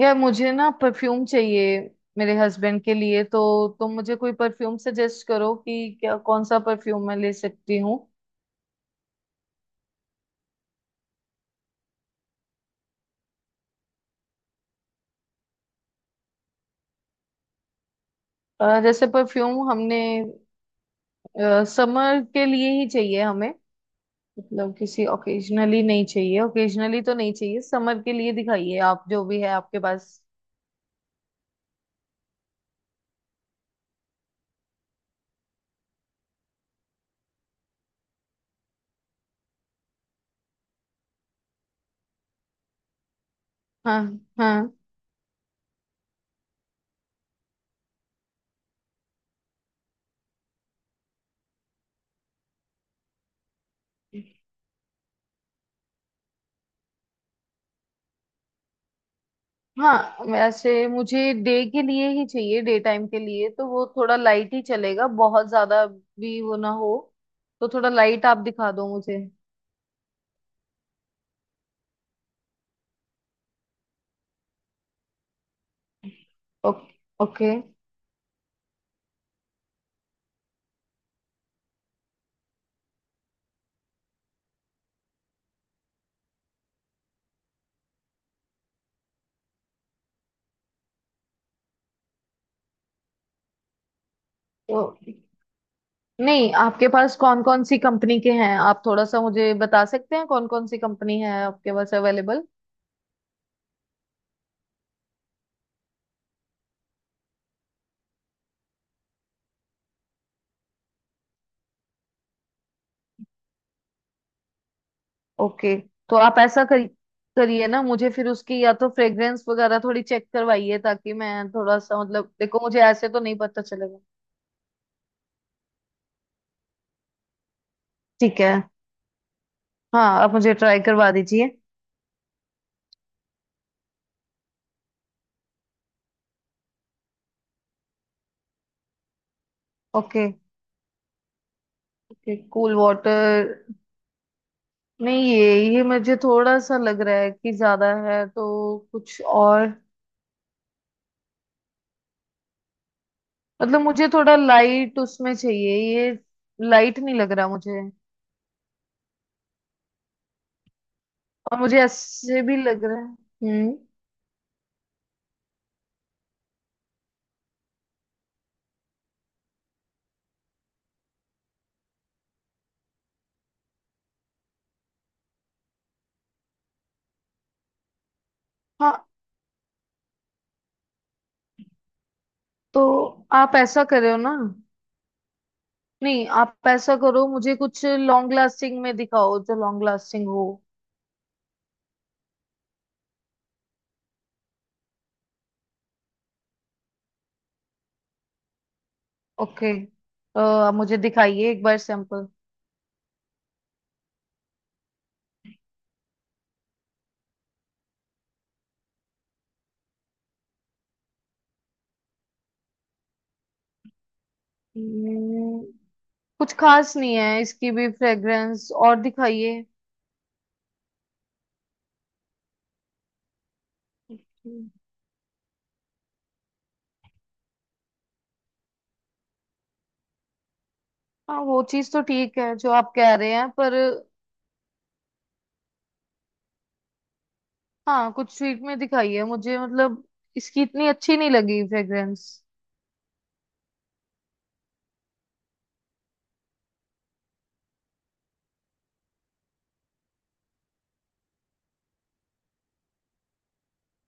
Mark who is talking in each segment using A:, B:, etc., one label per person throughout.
A: यार मुझे ना परफ्यूम चाहिए मेरे हस्बैंड के लिए। तो तुम मुझे कोई परफ्यूम सजेस्ट करो कि क्या कौन सा परफ्यूम मैं ले सकती हूँ। जैसे परफ्यूम हमने समर के लिए ही चाहिए हमें। मतलब किसी ओकेजनली नहीं चाहिए, ओकेजनली तो नहीं चाहिए। समर के लिए दिखाइए आप जो भी है आपके पास। हाँ। हाँ। हाँ, वैसे मुझे डे के लिए ही चाहिए, डे टाइम के लिए, तो वो थोड़ा लाइट ही चलेगा, बहुत ज्यादा भी वो ना हो। तो थोड़ा लाइट आप दिखा दो मुझे। ओके। ओके। तो नहीं, आपके पास कौन कौन सी कंपनी के हैं? आप थोड़ा सा मुझे बता सकते हैं कौन कौन सी कंपनी है आपके पास अवेलेबल? ओके। तो आप ऐसा करिए, करिए ना मुझे फिर उसकी या तो फ्रेग्रेंस वगैरह थोड़ी चेक करवाइए, ताकि मैं थोड़ा सा, मतलब देखो मुझे ऐसे तो नहीं पता चलेगा। ठीक है। हाँ, आप मुझे ट्राई करवा दीजिए। ओके। Okay, cool water. नहीं, ये मुझे थोड़ा सा लग रहा है कि ज्यादा है, तो कुछ और। मतलब मुझे थोड़ा लाइट उसमें चाहिए, ये लाइट नहीं लग रहा मुझे। और मुझे ऐसे भी लग रहा है। हम्म। हाँ, तो आप ऐसा करे हो ना, नहीं आप ऐसा करो, मुझे कुछ लॉन्ग लास्टिंग में दिखाओ, जो लॉन्ग लास्टिंग हो। ओके। आप मुझे दिखाइए एक बार सैंपल। हम्म, कुछ खास नहीं है इसकी भी फ्रेग्रेंस, और दिखाइए। Okay. हाँ वो चीज तो ठीक है जो आप कह रहे हैं, पर हाँ कुछ स्वीट में दिखाई है मुझे, मतलब इसकी इतनी अच्छी नहीं लगी फ्रेग्रेंस।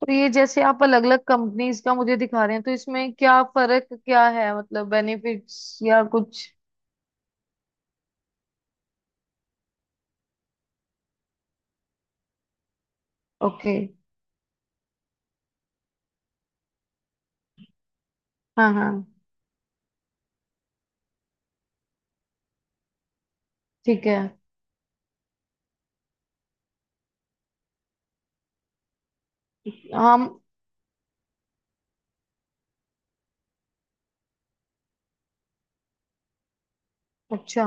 A: तो ये जैसे आप अलग अलग कंपनीज का मुझे दिखा रहे हैं, तो इसमें क्या फर्क क्या है? मतलब बेनिफिट्स या कुछ। ओके। हाँ हाँ। ठीक है। हम। अच्छा।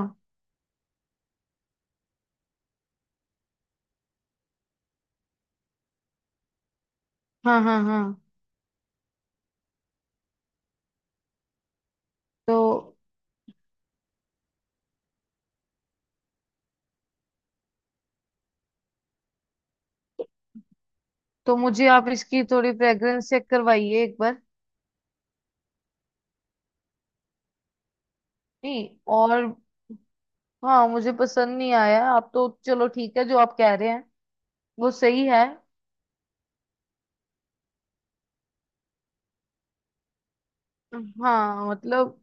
A: हाँ हाँ हाँ। तो तो मुझे आप इसकी थोड़ी फ्रेग्रेंस चेक करवाइए एक बार। नहीं, और हाँ मुझे पसंद नहीं आया, आप तो चलो ठीक है जो आप कह रहे हैं। वो सही है। हाँ मतलब।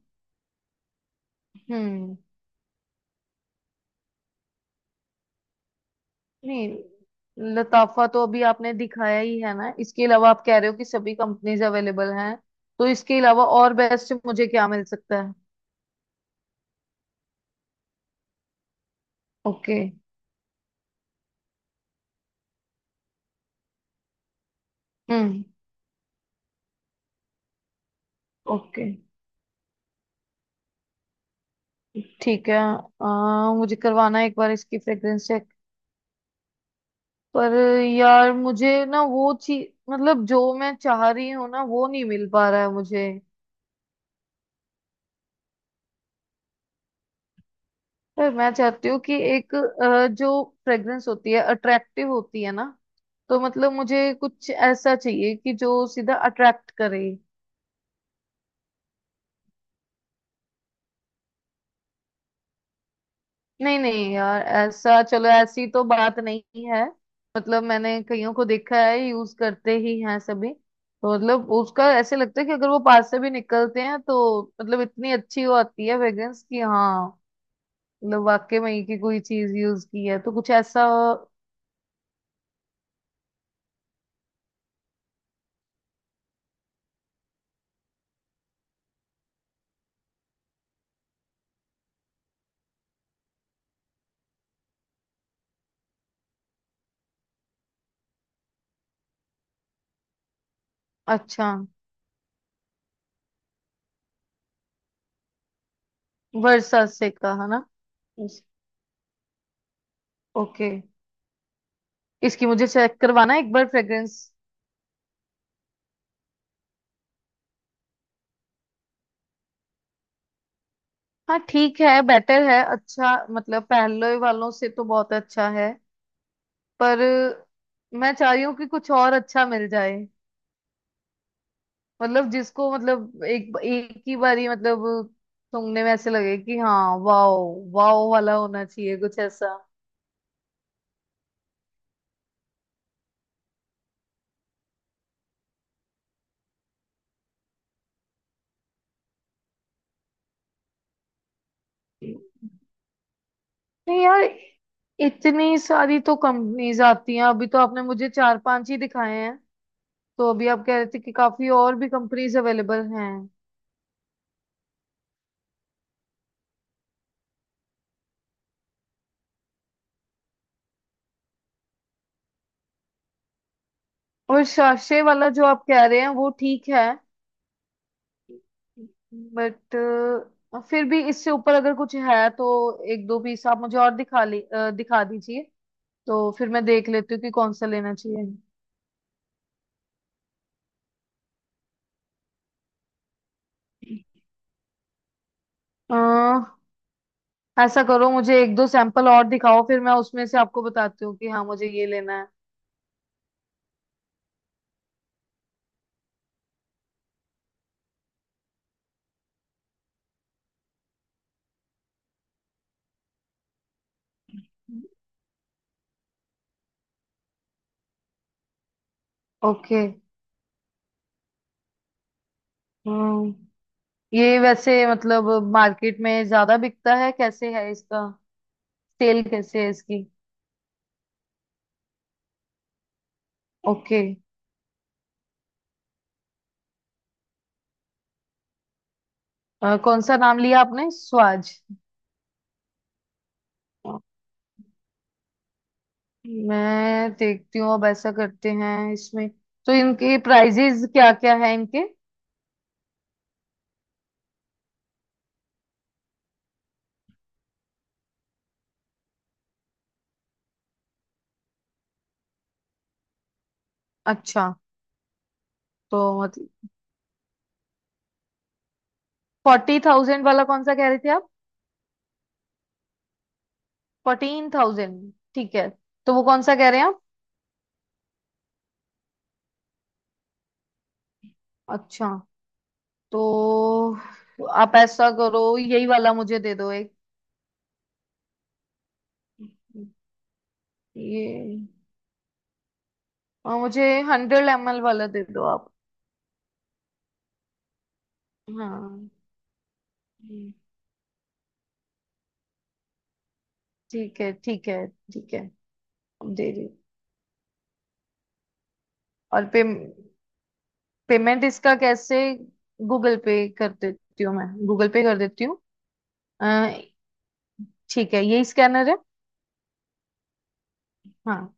A: हम्म। नहीं, लताफा तो अभी आपने दिखाया ही है ना, इसके अलावा आप कह रहे हो कि सभी कंपनीज अवेलेबल हैं, तो इसके अलावा और बेस्ट मुझे क्या मिल सकता है? ओके। हम्म। ओके। ठीक है। मुझे करवाना है एक बार इसकी फ्रेग्रेंस चेक। पर यार मुझे ना वो चीज, मतलब जो मैं चाह रही हूँ ना, वो नहीं मिल पा रहा है मुझे। पर मैं चाहती हूँ कि एक, जो फ्रेग्रेंस होती है अट्रैक्टिव होती है ना, तो मतलब मुझे कुछ ऐसा चाहिए कि जो सीधा अट्रैक्ट करे। नहीं नहीं यार, ऐसा, चलो ऐसी तो बात नहीं है। मतलब मैंने कईयों को देखा है, यूज करते ही हैं सभी, तो मतलब उसका ऐसे लगता है कि अगर वो पास से भी निकलते हैं तो, मतलब इतनी अच्छी वो आती है फ्रेग्रेंस कि हाँ, मतलब वाकई में की कोई चीज यूज की है तो, कुछ ऐसा। अच्छा। वर्षा से का है ना? ओके। इसकी मुझे चेक करवाना है एक बार फ्रेग्रेंस। हाँ ठीक है, बेटर है, अच्छा मतलब पहले वालों से तो बहुत अच्छा है, पर मैं चाह रही हूँ कि कुछ और अच्छा मिल जाए। मतलब जिसको, मतलब एक एक ही बारी, मतलब सुनने में ऐसे लगे कि हाँ वाओ। वाओ वाला होना चाहिए, कुछ ऐसा। नहीं यार, इतनी सारी तो कंपनीज आती हैं, अभी तो आपने मुझे चार पांच ही दिखाए हैं, तो अभी आप कह रहे थे कि काफी और भी कंपनीज अवेलेबल हैं। और शाशे वाला जो आप कह रहे हैं वो ठीक है, बट फिर भी इससे ऊपर अगर कुछ है तो एक दो पीस आप मुझे और दिखा दीजिए, तो फिर मैं देख लेती हूँ कि कौन सा लेना चाहिए। अ, ऐसा करो, मुझे एक दो सैंपल और दिखाओ, फिर मैं उसमें से आपको बताती हूँ कि हाँ मुझे ये लेना है। ओके। हम्म। ये वैसे, मतलब मार्केट में ज्यादा बिकता है? कैसे है इसका सेल? कैसे है इसकी? ओके। कौन सा नाम लिया आपने, स्वाज? मैं देखती हूँ, अब ऐसा करते हैं इसमें। तो इनके प्राइजेस क्या क्या है इनके? अच्छा। तो मतलब 40,000 वाला कौन सा कह रहे थे आप? 14,000 ठीक है। तो वो कौन सा कह रहे हैं आप? अच्छा। तो आप ऐसा करो, यही वाला मुझे दे दो एक। ये, और मुझे 100 ml वाला दे दो आप। हाँ। ठीक है। ठीक है। ठीक है, अब दे रही हूँ। और पे, पेमेंट इसका कैसे? गूगल पे कर देती हूँ, मैं गूगल पे कर देती हूँ। अ, ठीक है, यही स्कैनर है? हाँ।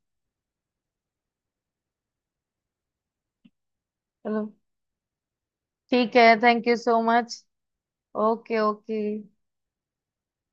A: चलो। ठीक है, thank you so much. Okay. Okay.